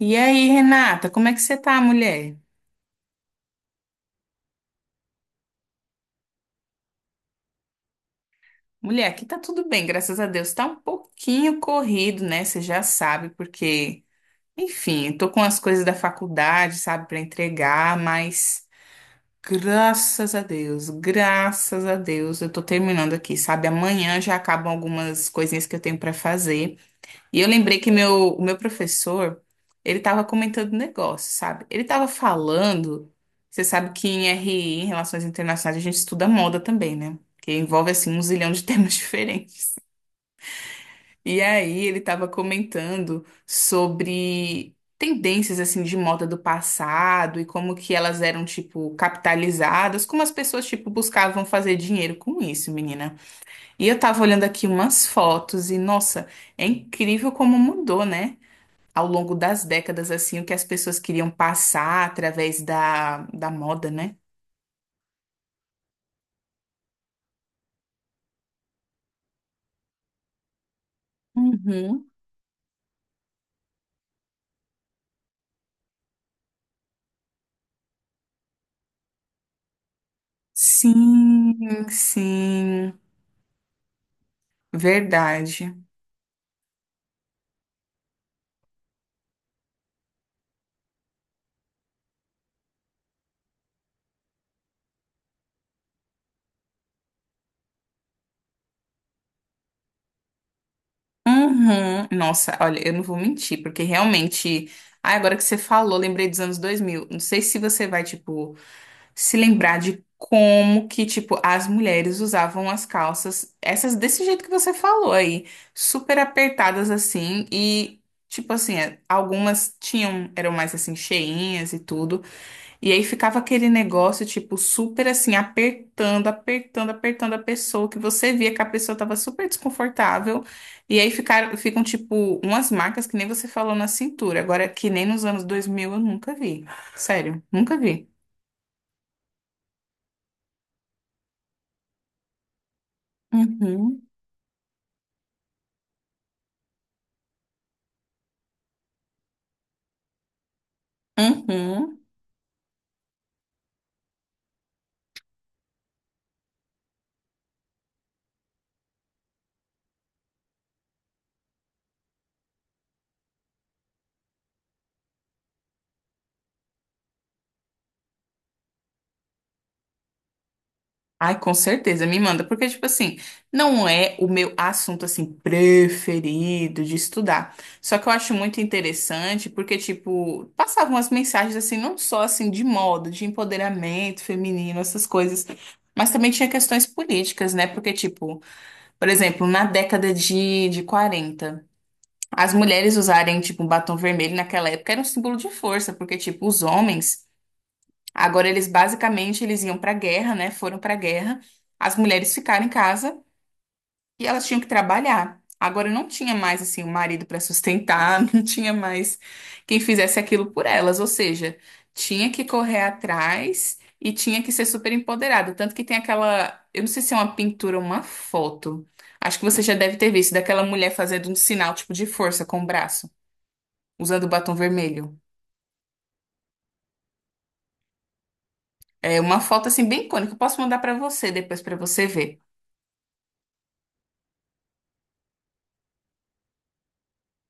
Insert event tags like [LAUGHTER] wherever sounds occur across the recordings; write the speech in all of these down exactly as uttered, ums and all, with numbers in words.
E aí, Renata, como é que você tá, mulher? Mulher, aqui tá tudo bem, graças a Deus. Tá um pouquinho corrido, né? Você já sabe, porque, enfim, eu tô com as coisas da faculdade, sabe, pra entregar, mas graças a Deus, graças a Deus, eu tô terminando aqui, sabe? Amanhã já acabam algumas coisinhas que eu tenho pra fazer. E eu lembrei que meu, o meu professor, ele tava comentando um negócio, sabe? Ele tava falando, você sabe que em R I, em Relações Internacionais, a gente estuda moda também, né? Que envolve, assim, um zilhão de [LAUGHS] temas diferentes. E aí ele tava comentando sobre tendências, assim, de moda do passado e como que elas eram, tipo, capitalizadas, como as pessoas, tipo, buscavam fazer dinheiro com isso, menina. E eu tava olhando aqui umas fotos e, nossa, é incrível como mudou, né? Ao longo das décadas, assim, o que as pessoas queriam passar através da, da moda, né? Uhum. Sim, sim, verdade. Uhum. Nossa, olha, eu não vou mentir, porque realmente, ah, agora que você falou, lembrei dos anos dois mil. Não sei se você vai, tipo, se lembrar de como que, tipo, as mulheres usavam as calças, essas desse jeito que você falou aí, super apertadas assim e tipo assim, é, algumas tinham, eram mais assim cheinhas e tudo, e aí ficava aquele negócio tipo super assim apertando, apertando, apertando a pessoa, que você via que a pessoa tava super desconfortável, e aí ficaram, ficam tipo umas marcas que nem você falou na cintura, agora que nem nos anos dois mil eu nunca vi. Sério, nunca vi. Uhum. Uhum. Ai, com certeza, me manda, porque, tipo assim, não é o meu assunto, assim, preferido de estudar. Só que eu acho muito interessante, porque, tipo, passavam as mensagens, assim, não só, assim, de moda, de empoderamento feminino, essas coisas, mas também tinha questões políticas, né? Porque, tipo, por exemplo, na década de, de quarenta as mulheres usarem, tipo, um batom vermelho naquela época era um símbolo de força, porque, tipo, os homens. Agora eles basicamente eles iam para a guerra, né? Foram para a guerra. As mulheres ficaram em casa e elas tinham que trabalhar. Agora não tinha mais assim o marido para sustentar, [LAUGHS] não tinha mais quem fizesse aquilo por elas, ou seja, tinha que correr atrás e tinha que ser super empoderada, tanto que tem aquela, eu não sei se é uma pintura ou uma foto. Acho que você já deve ter visto daquela mulher fazendo um sinal tipo de força com o braço, usando o batom vermelho. É uma foto assim bem icônica, eu posso mandar para você depois para você ver.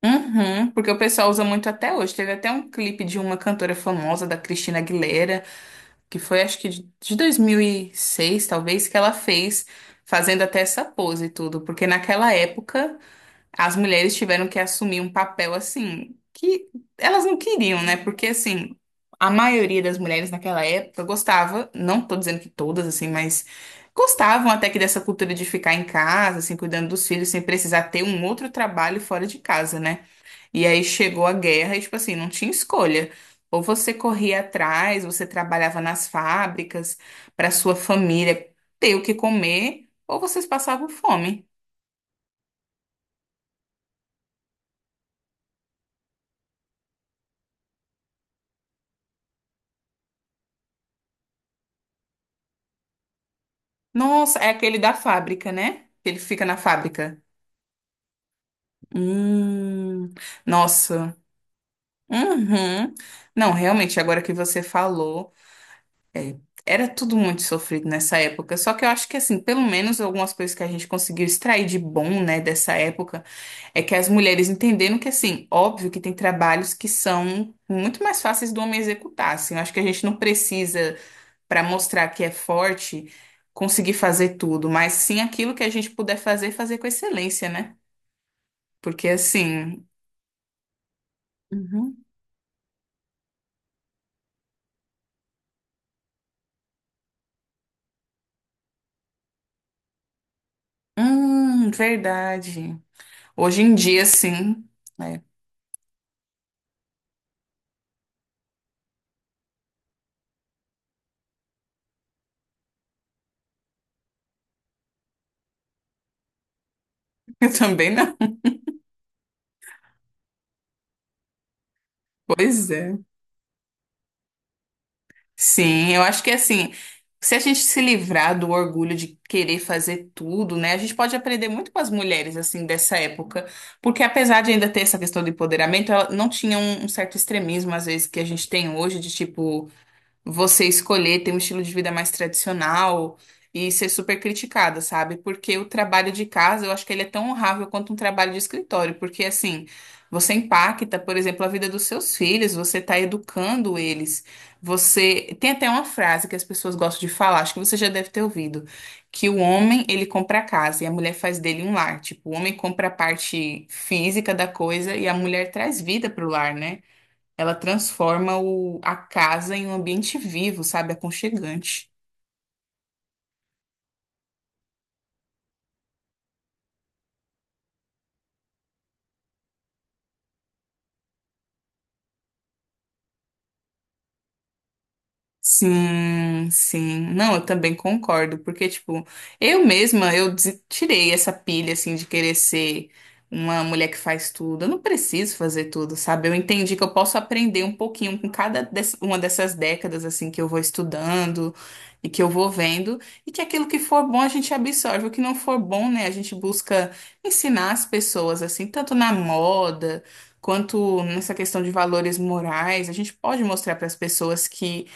Uhum, porque o pessoal usa muito até hoje. Teve até um clipe de uma cantora famosa, da Cristina Aguilera, que foi acho que de de dois mil e seis, talvez, que ela fez, fazendo até essa pose e tudo. Porque naquela época, as mulheres tiveram que assumir um papel assim, que elas não queriam, né? Porque assim, a maioria das mulheres naquela época gostava, não tô dizendo que todas, assim, mas gostavam até que dessa cultura de ficar em casa, assim, cuidando dos filhos, sem precisar ter um outro trabalho fora de casa, né? E aí chegou a guerra e, tipo assim, não tinha escolha. Ou você corria atrás, você trabalhava nas fábricas para sua família ter o que comer, ou vocês passavam fome. Nossa, é aquele da fábrica, né? Que ele fica na fábrica. Hum, nossa. Uhum. Não, realmente, agora que você falou. É, era tudo muito sofrido nessa época. Só que eu acho que, assim, pelo menos algumas coisas que a gente conseguiu extrair de bom, né, dessa época, é que as mulheres entenderam que, assim, óbvio que tem trabalhos que são muito mais fáceis do homem executar, assim. Eu acho que a gente não precisa, para mostrar que é forte, conseguir fazer tudo, mas sim aquilo que a gente puder fazer, fazer com excelência, né? Porque, assim. Uhum. Hum, verdade. Hoje em dia, sim. É, [LAUGHS] eu também não. Pois é. Sim, eu acho que assim, se a gente se livrar do orgulho de querer fazer tudo, né, a gente pode aprender muito com as mulheres, assim, dessa época, porque apesar de ainda ter essa questão do empoderamento, ela não tinha um, um certo extremismo, às vezes, que a gente tem hoje, de tipo você escolher ter um estilo de vida mais tradicional e ser super criticada, sabe? Porque o trabalho de casa, eu acho que ele é tão honrável quanto um trabalho de escritório, porque assim, você impacta, por exemplo, a vida dos seus filhos, você está educando eles. Você tem até uma frase que as pessoas gostam de falar, acho que você já deve ter ouvido, que o homem, ele compra a casa e a mulher faz dele um lar. Tipo, o homem compra a parte física da coisa e a mulher traz vida pro lar, né? Ela transforma o, a casa em um ambiente vivo, sabe? Aconchegante. Sim, sim. Não, eu também concordo, porque, tipo, eu mesma, eu des- tirei essa pilha, assim, de querer ser uma mulher que faz tudo. Eu não preciso fazer tudo, sabe? Eu entendi que eu posso aprender um pouquinho com cada des- uma dessas décadas, assim, que eu vou estudando e que eu vou vendo, e que aquilo que for bom a gente absorve, o que não for bom, né, a gente busca ensinar as pessoas, assim, tanto na moda. Quanto nessa questão de valores morais, a gente pode mostrar para as pessoas que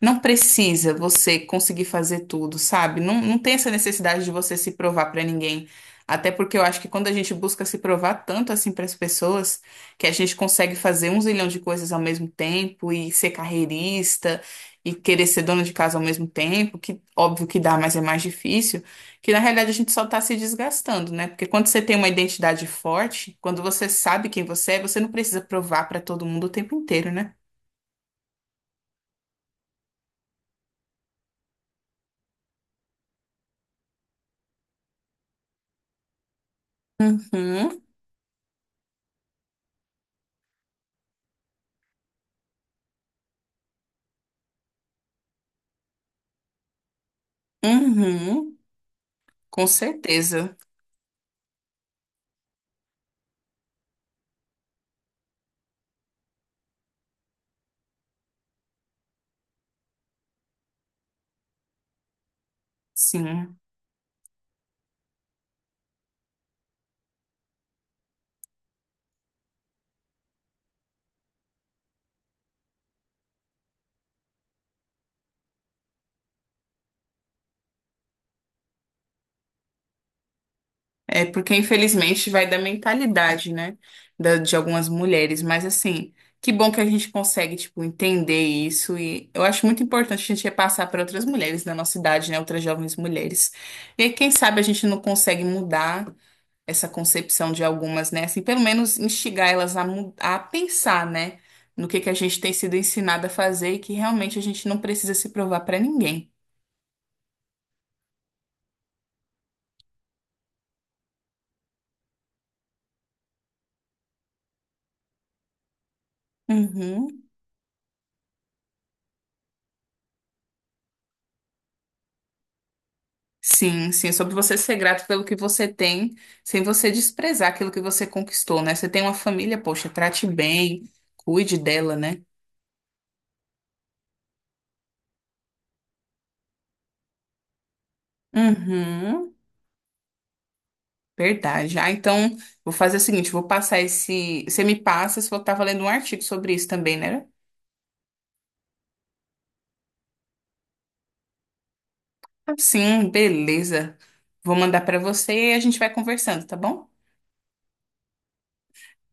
não precisa você conseguir fazer tudo, sabe? Não, não tem essa necessidade de você se provar pra ninguém. Até porque eu acho que quando a gente busca se provar tanto assim para as pessoas, que a gente consegue fazer um zilhão de coisas ao mesmo tempo e ser carreirista e querer ser dona de casa ao mesmo tempo, que óbvio que dá, mas é mais difícil, que na realidade a gente só tá se desgastando, né? Porque quando você tem uma identidade forte, quando você sabe quem você é, você não precisa provar pra todo mundo o tempo inteiro, né? Uhum, uhum. Com certeza, sim. É porque, infelizmente, vai da mentalidade, né? Da, de algumas mulheres. Mas, assim, que bom que a gente consegue, tipo, entender isso. E eu acho muito importante a gente repassar para outras mulheres da nossa idade, né? Outras jovens mulheres. E aí, quem sabe a gente não consegue mudar essa concepção de algumas, né? Assim, pelo menos instigar elas a, mu- a pensar, né? No que que a gente tem sido ensinada a fazer e que realmente a gente não precisa se provar para ninguém. Uhum. Sim, sim, é sobre você ser grato pelo que você tem, sem você desprezar aquilo que você conquistou, né? Você tem uma família, poxa, trate bem, cuide dela, né? Uhum, verdade. Ah, então, vou fazer o seguinte, vou passar esse... Você me passa, se eu tava lendo um artigo sobre isso também, né? Ah, sim, beleza. Vou mandar pra você e a gente vai conversando, tá bom?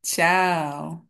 Tchau.